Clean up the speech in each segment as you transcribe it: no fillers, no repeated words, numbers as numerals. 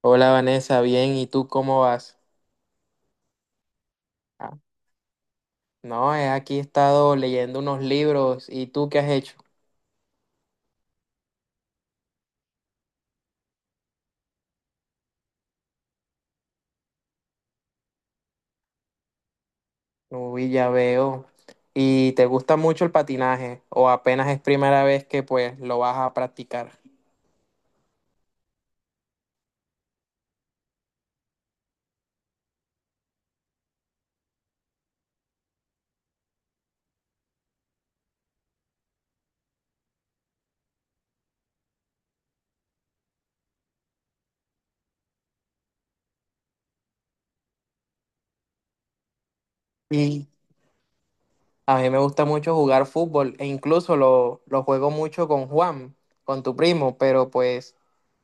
Hola Vanessa, bien, ¿y tú cómo vas? Ah, no, he aquí estado leyendo unos libros, ¿y tú qué has hecho? Uy, ya veo. ¿Y te gusta mucho el patinaje o apenas es primera vez que pues lo vas a practicar? Sí. A mí me gusta mucho jugar fútbol e incluso lo juego mucho con Juan, con tu primo, pero pues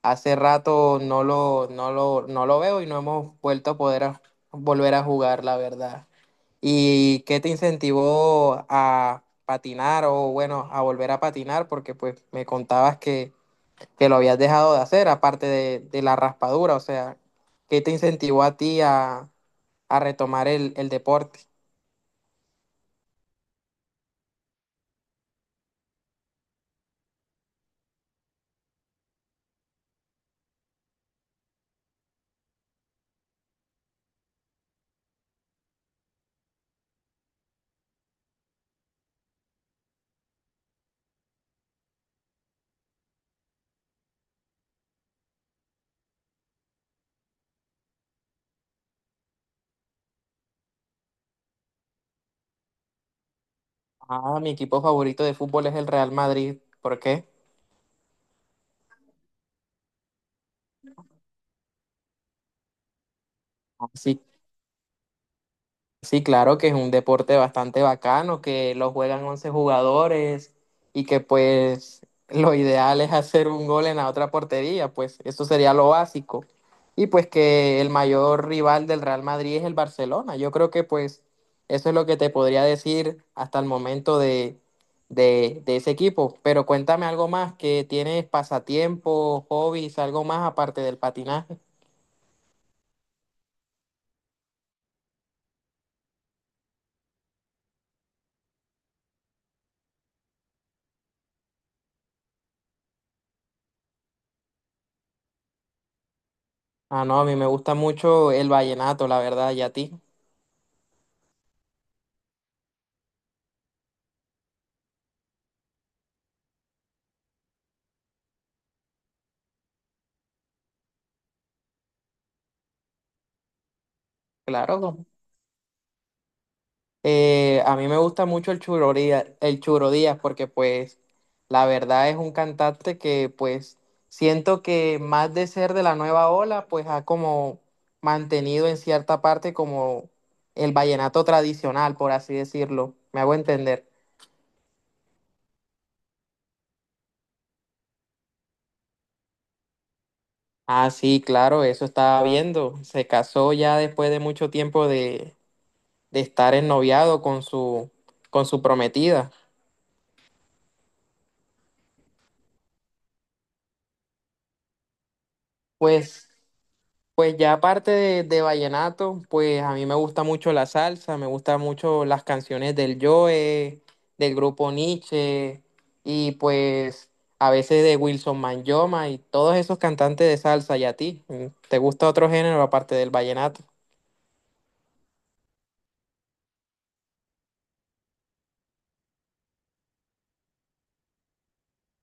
hace rato no lo veo y no hemos vuelto a poder volver a jugar, la verdad. ¿Y qué te incentivó a patinar o bueno, a volver a patinar? Porque pues me contabas que lo habías dejado de hacer, aparte de la raspadura, o sea, ¿qué te incentivó a ti a retomar el deporte? Ah, mi equipo favorito de fútbol es el Real Madrid. ¿Por qué? Ah, sí, sí, claro que es un deporte bastante bacano, que lo juegan 11 jugadores y que pues lo ideal es hacer un gol en la otra portería, pues eso sería lo básico. Y pues que el mayor rival del Real Madrid es el Barcelona. Yo creo que pues eso es lo que te podría decir hasta el momento de ese equipo. Pero cuéntame algo más, que tienes pasatiempos, hobbies, algo más aparte del patinaje. Ah, no, a mí me gusta mucho el vallenato, la verdad, ¿y a ti? Claro. A mí me gusta mucho el Churo Díaz porque pues la verdad es un cantante que pues siento que más de ser de la nueva ola pues ha como mantenido en cierta parte como el vallenato tradicional, por así decirlo. ¿Me hago entender? Ah, sí, claro, eso estaba viendo. Se casó ya después de mucho tiempo de estar ennoviado con su prometida. Pues, pues ya aparte de vallenato, pues a mí me gusta mucho la salsa, me gustan mucho las canciones del Joe, del grupo Nietzsche y pues a veces de Wilson Manjoma y todos esos cantantes de salsa. ¿Y a ti? ¿Te gusta otro género aparte del vallenato?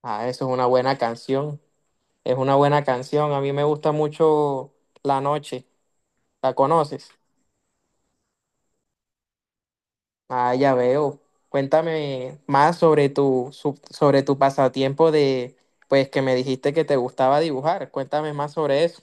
Ah, eso es una buena canción. Es una buena canción. A mí me gusta mucho La Noche. ¿La conoces? Ah, ya veo. Cuéntame más sobre sobre tu pasatiempo de, pues que me dijiste que te gustaba dibujar. Cuéntame más sobre eso.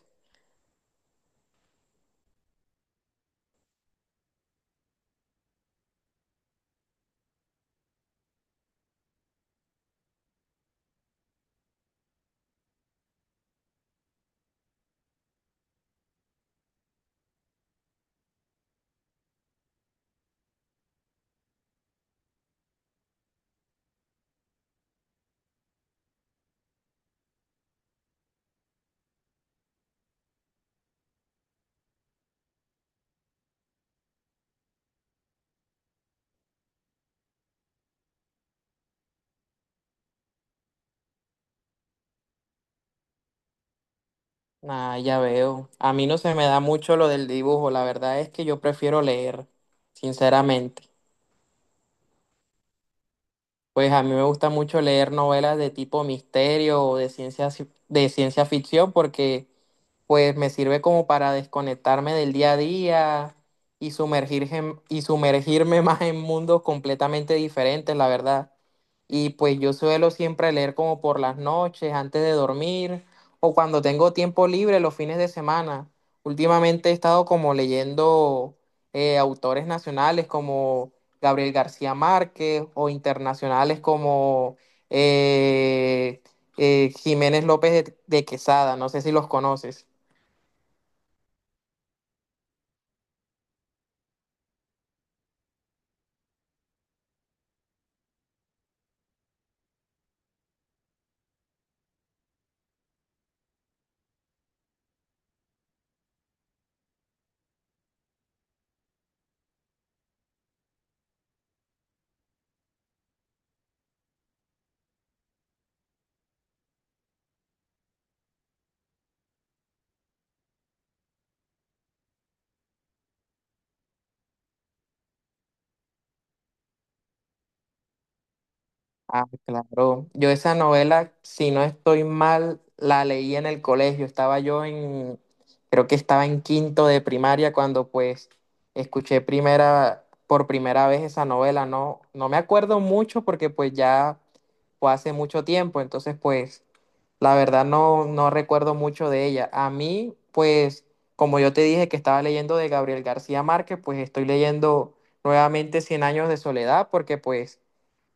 Ah, ya veo. A mí no se me da mucho lo del dibujo. La verdad es que yo prefiero leer, sinceramente. Pues a mí me gusta mucho leer novelas de tipo misterio o de de ciencia ficción porque pues me sirve como para desconectarme del día a día y sumergirme, y sumergirme más en mundos completamente diferentes, la verdad. Y pues yo suelo siempre leer como por las noches, antes de dormir, o cuando tengo tiempo libre los fines de semana. Últimamente he estado como leyendo autores nacionales como Gabriel García Márquez o internacionales como eh, Jiménez López de Quesada. No sé si los conoces. Ah, claro. Yo esa novela, si no estoy mal, la leí en el colegio. Estaba yo en, creo que estaba en quinto de primaria cuando pues escuché por primera vez esa novela. No, no me acuerdo mucho porque pues ya fue hace mucho tiempo. Entonces pues la verdad no, no recuerdo mucho de ella. A mí pues, como yo te dije que estaba leyendo de Gabriel García Márquez, pues estoy leyendo nuevamente Cien años de soledad porque pues...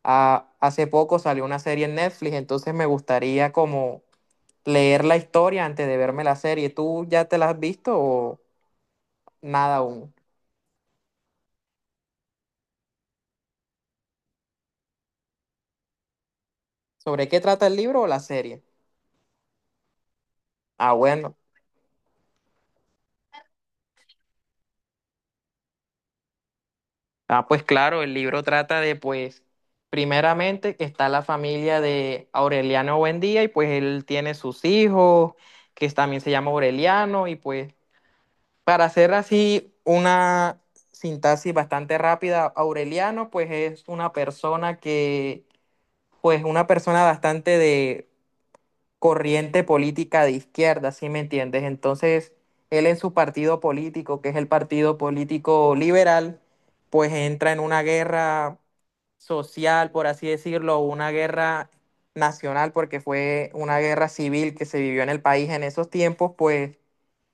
Ah, hace poco salió una serie en Netflix, entonces me gustaría como leer la historia antes de verme la serie. ¿Tú ya te la has visto o nada aún? ¿Sobre qué trata el libro o la serie? Ah, bueno. Ah, pues claro, el libro trata de, pues, primeramente que está la familia de Aureliano Buendía y pues él tiene sus hijos, que también se llama Aureliano y pues, para hacer así una sintaxis bastante rápida, Aureliano pues es una persona que pues una persona bastante de corriente política de izquierda, ¿sí me entiendes? Entonces, él en su partido político, que es el partido político liberal, pues entra en una guerra social, por así decirlo, una guerra nacional, porque fue una guerra civil que se vivió en el país en esos tiempos, pues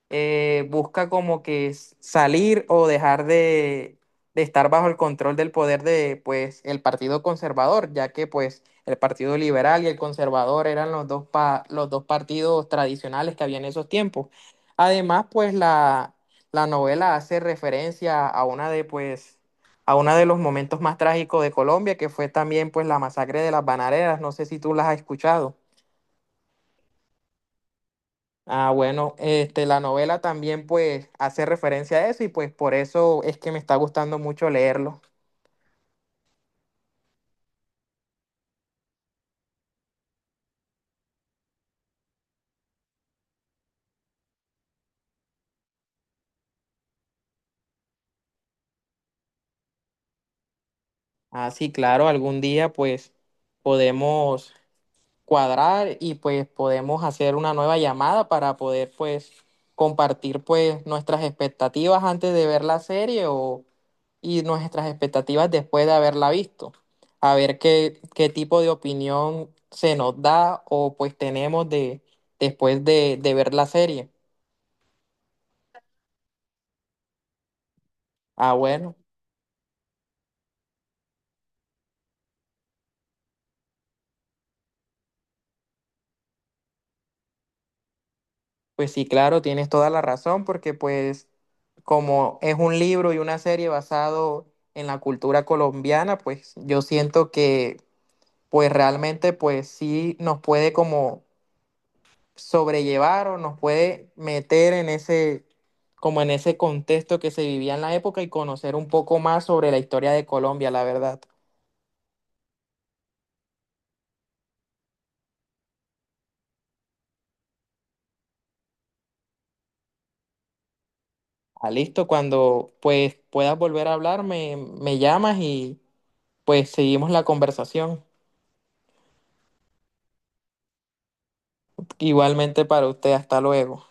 busca como que salir o dejar de estar bajo el control del poder de, pues, el Partido Conservador, ya que, pues, el Partido Liberal y el Conservador eran los los dos partidos tradicionales que había en esos tiempos. Además, pues, la novela hace referencia a una de, pues, a uno de los momentos más trágicos de Colombia, que fue también, pues, la masacre de las Bananeras. No sé si tú las has escuchado. Ah, bueno, este, la novela también pues hace referencia a eso y pues por eso es que me está gustando mucho leerlo. Ah, sí, claro, algún día pues podemos cuadrar y pues podemos hacer una nueva llamada para poder pues compartir pues nuestras expectativas antes de ver la serie o, y nuestras expectativas después de haberla visto. A ver qué, qué tipo de opinión se nos da o pues tenemos de, después de ver la serie. Ah, bueno. Pues sí, claro, tienes toda la razón, porque pues como es un libro y una serie basado en la cultura colombiana, pues yo siento que pues realmente pues sí nos puede como sobrellevar o nos puede meter en ese como en ese contexto que se vivía en la época y conocer un poco más sobre la historia de Colombia, la verdad. Ah, listo, cuando pues puedas volver a hablar, me llamas y pues seguimos la conversación. Igualmente para usted, hasta luego.